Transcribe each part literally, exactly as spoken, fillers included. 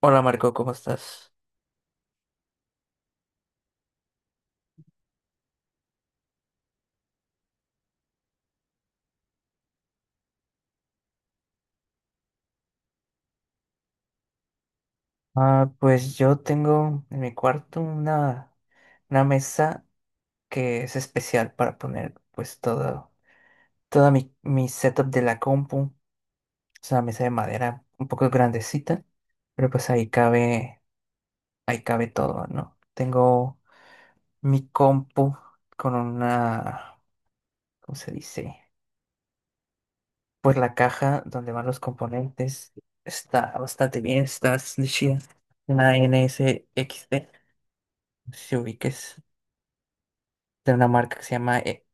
Hola Marco, ¿cómo estás? Ah, pues yo tengo en mi cuarto una, una mesa que es especial para poner pues todo, toda mi, mi setup de la compu. Es una mesa de madera un poco grandecita, pero pues ahí cabe, ahí cabe todo, ¿no? Tengo mi compu con una, ¿cómo se dice? Pues la caja donde van los componentes. Está bastante bien, está chida. Una N S X NSXT. No sé si ubiques, de una marca que se llama... eh,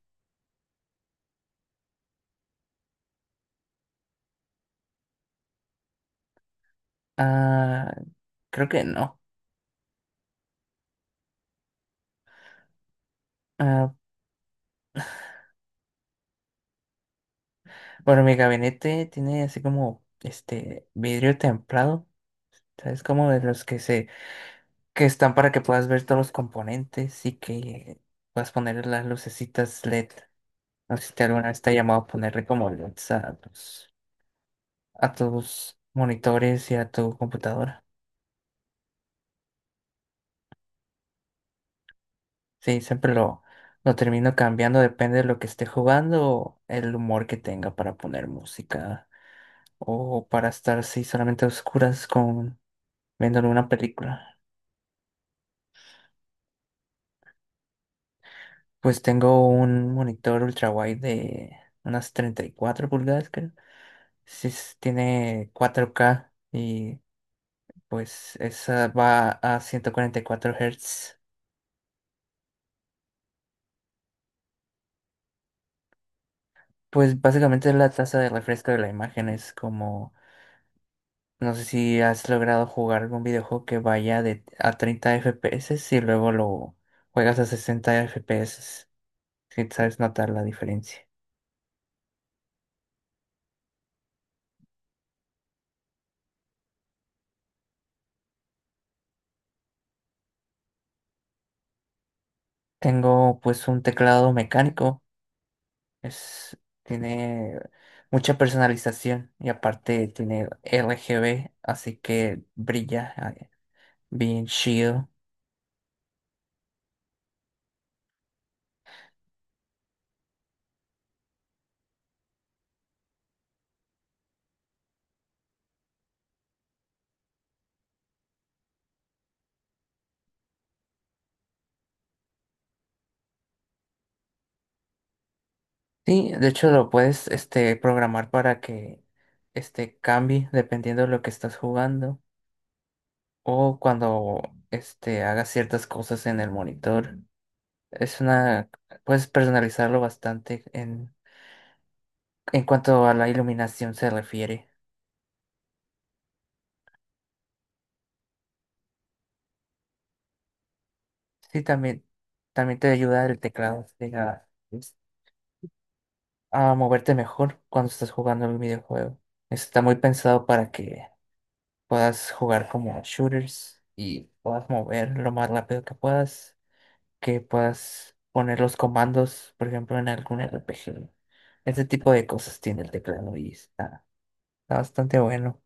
ah, creo que no. Ah, bueno, mi gabinete tiene así como este vidrio templado, ¿sabes? Como de los que se... que están para que puedas ver todos los componentes y que puedas poner las lucecitas L E D. No sé si te alguna vez te ha llamado a ponerle como L E Ds a tus, a tus monitores y a tu computadora. Sí, siempre lo... Lo termino cambiando, depende de lo que esté jugando o el humor que tenga para poner música, o para estar sí, solamente a oscuras con viéndole una película. Pues tengo un monitor ultrawide de unas treinta y cuatro pulgadas, creo. Sí, s- tiene cuatro k y pues esa va a ciento cuarenta y cuatro Hz. Pues básicamente la tasa de refresco de la imagen es como... No sé si has logrado jugar algún videojuego que vaya de, a treinta F P S y luego lo juegas a sesenta F P S. Si sabes notar la diferencia. Tengo pues un teclado mecánico, es, tiene mucha personalización y aparte tiene R G B, así que brilla eh, bien chido. Sí, de hecho lo puedes este, programar para que este, cambie dependiendo de lo que estás jugando o cuando este, hagas ciertas cosas en el monitor. Es una, puedes personalizarlo bastante en, en cuanto a la iluminación se refiere. Sí, también, también te ayuda el teclado sí, a, a moverte mejor cuando estás jugando el videojuego. Está muy pensado para que puedas jugar como shooters y puedas mover lo más rápido que puedas, que puedas poner los comandos, por ejemplo, en algún R P G. Ese tipo de cosas tiene el teclado y está, está bastante bueno.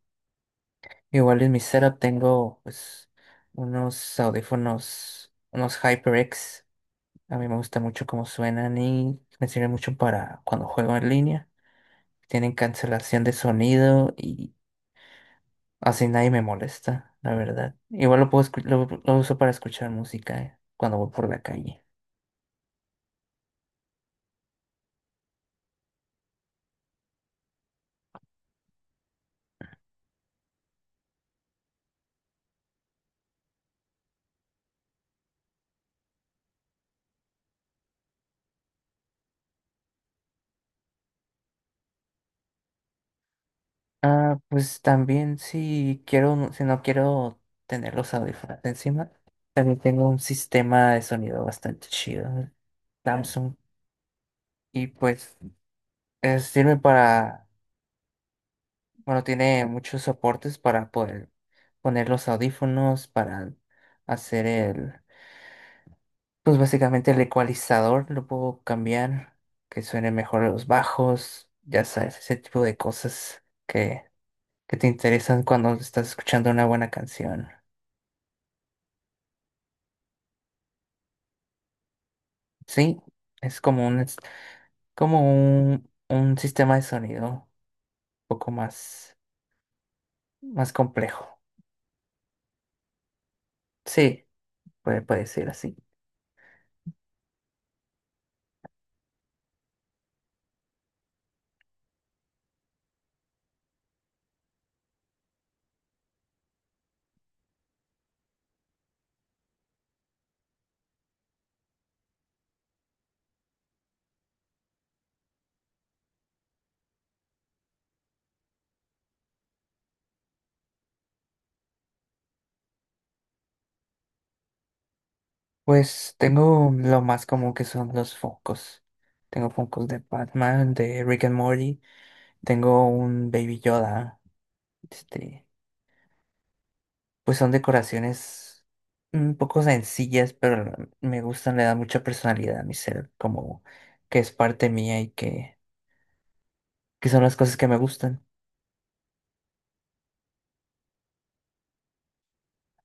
Igual en mi setup tengo pues unos audífonos, unos HyperX. A mí me gusta mucho cómo suenan y me sirve mucho para cuando juego en línea. Tienen cancelación de sonido y así nadie me molesta, la verdad. Igual lo puedo escu- lo, lo uso para escuchar música eh, cuando voy por la calle. Ah, pues también si quiero, no- si no quiero tener los audífonos encima, también tengo un sistema de sonido bastante chido, eh, Samsung, y pues eh, sirve para bueno, tiene muchos soportes para poder poner los audífonos, para hacer el, pues básicamente el ecualizador, lo puedo cambiar, que suene mejor los bajos, ya sabes, ese tipo de cosas que, que te interesan cuando estás escuchando una buena canción. Sí, es como un, es como un, un sistema de sonido un poco más, más complejo. Sí, puede, puede ser así. Pues tengo lo más común que son los Funkos. Tengo Funkos de Batman, de Rick and Morty, tengo un Baby Yoda. Este, pues son decoraciones un poco sencillas, pero me gustan, le dan mucha personalidad a mi ser, como que es parte mía y que, que son las cosas que me gustan.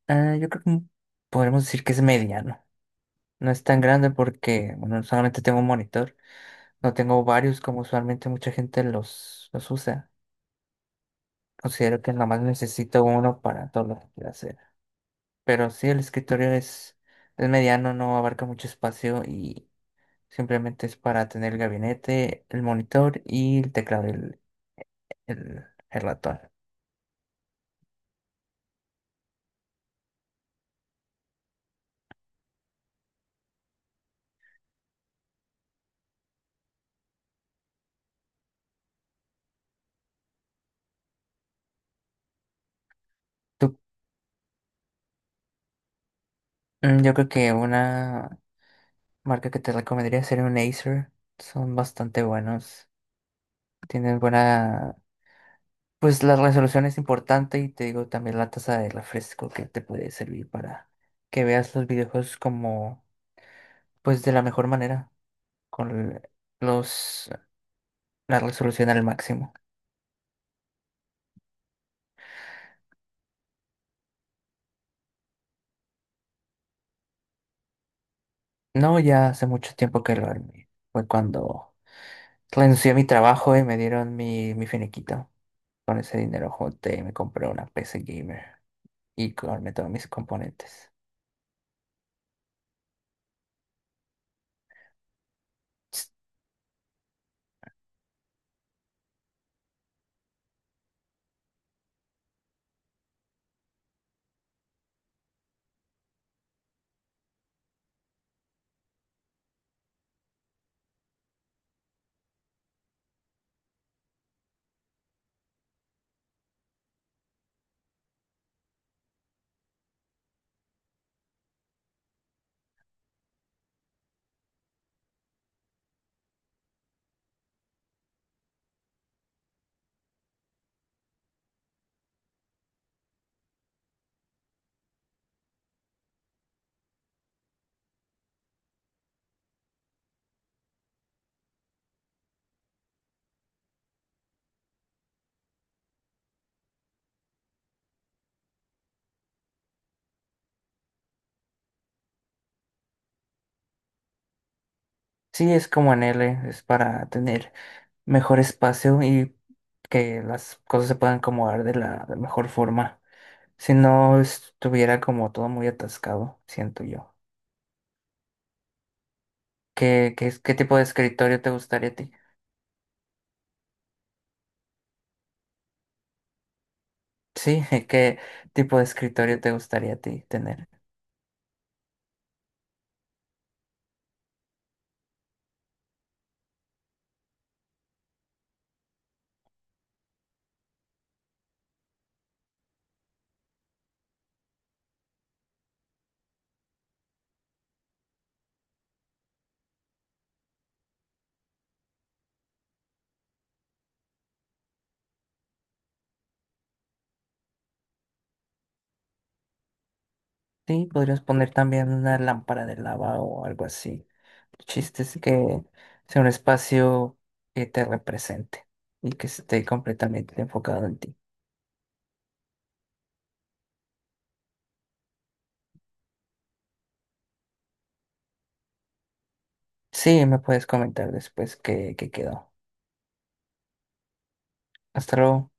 Ah, yo creo que podremos decir que es mediano. No es tan grande porque, bueno, solamente tengo un monitor, no tengo varios como usualmente mucha gente los, los usa. Considero que nomás necesito uno para todo lo que quiero hacer. Pero sí, el escritorio es, es mediano, no abarca mucho espacio y simplemente es para tener el gabinete, el monitor y el teclado, el, el, el ratón. Tú- mm, yo creo que una marca que te recomendaría sería un Acer. Son bastante buenos. Tienen buena... Pues la resolución es importante y te digo también la tasa de refresco que te puede servir para que veas los videojuegos como, pues de la mejor manera, con los, la resolución al máximo. No, ya hace mucho tiempo que lo armé. Fue cuando renuncié a mi trabajo y me dieron mi, mi finiquito. Con ese dinero junté y me compré una P C gamer y armé todos mis componentes. S- sí, es como en L, es para tener mejor espacio y que las cosas se puedan acomodar de la de mejor forma. Si no estuviera como todo muy atascado, siento yo. ¿Qué, qué, qué tipo de escritorio te gustaría a ti? Sí, ¿qué tipo de escritorio te gustaría a ti tener? Sí, podrías poner también una lámpara de lava o algo así. El chiste es que sea un espacio que te represente y que esté completamente enfocado en ti. Sí, me puedes comentar después qué, qué quedó. Hasta luego.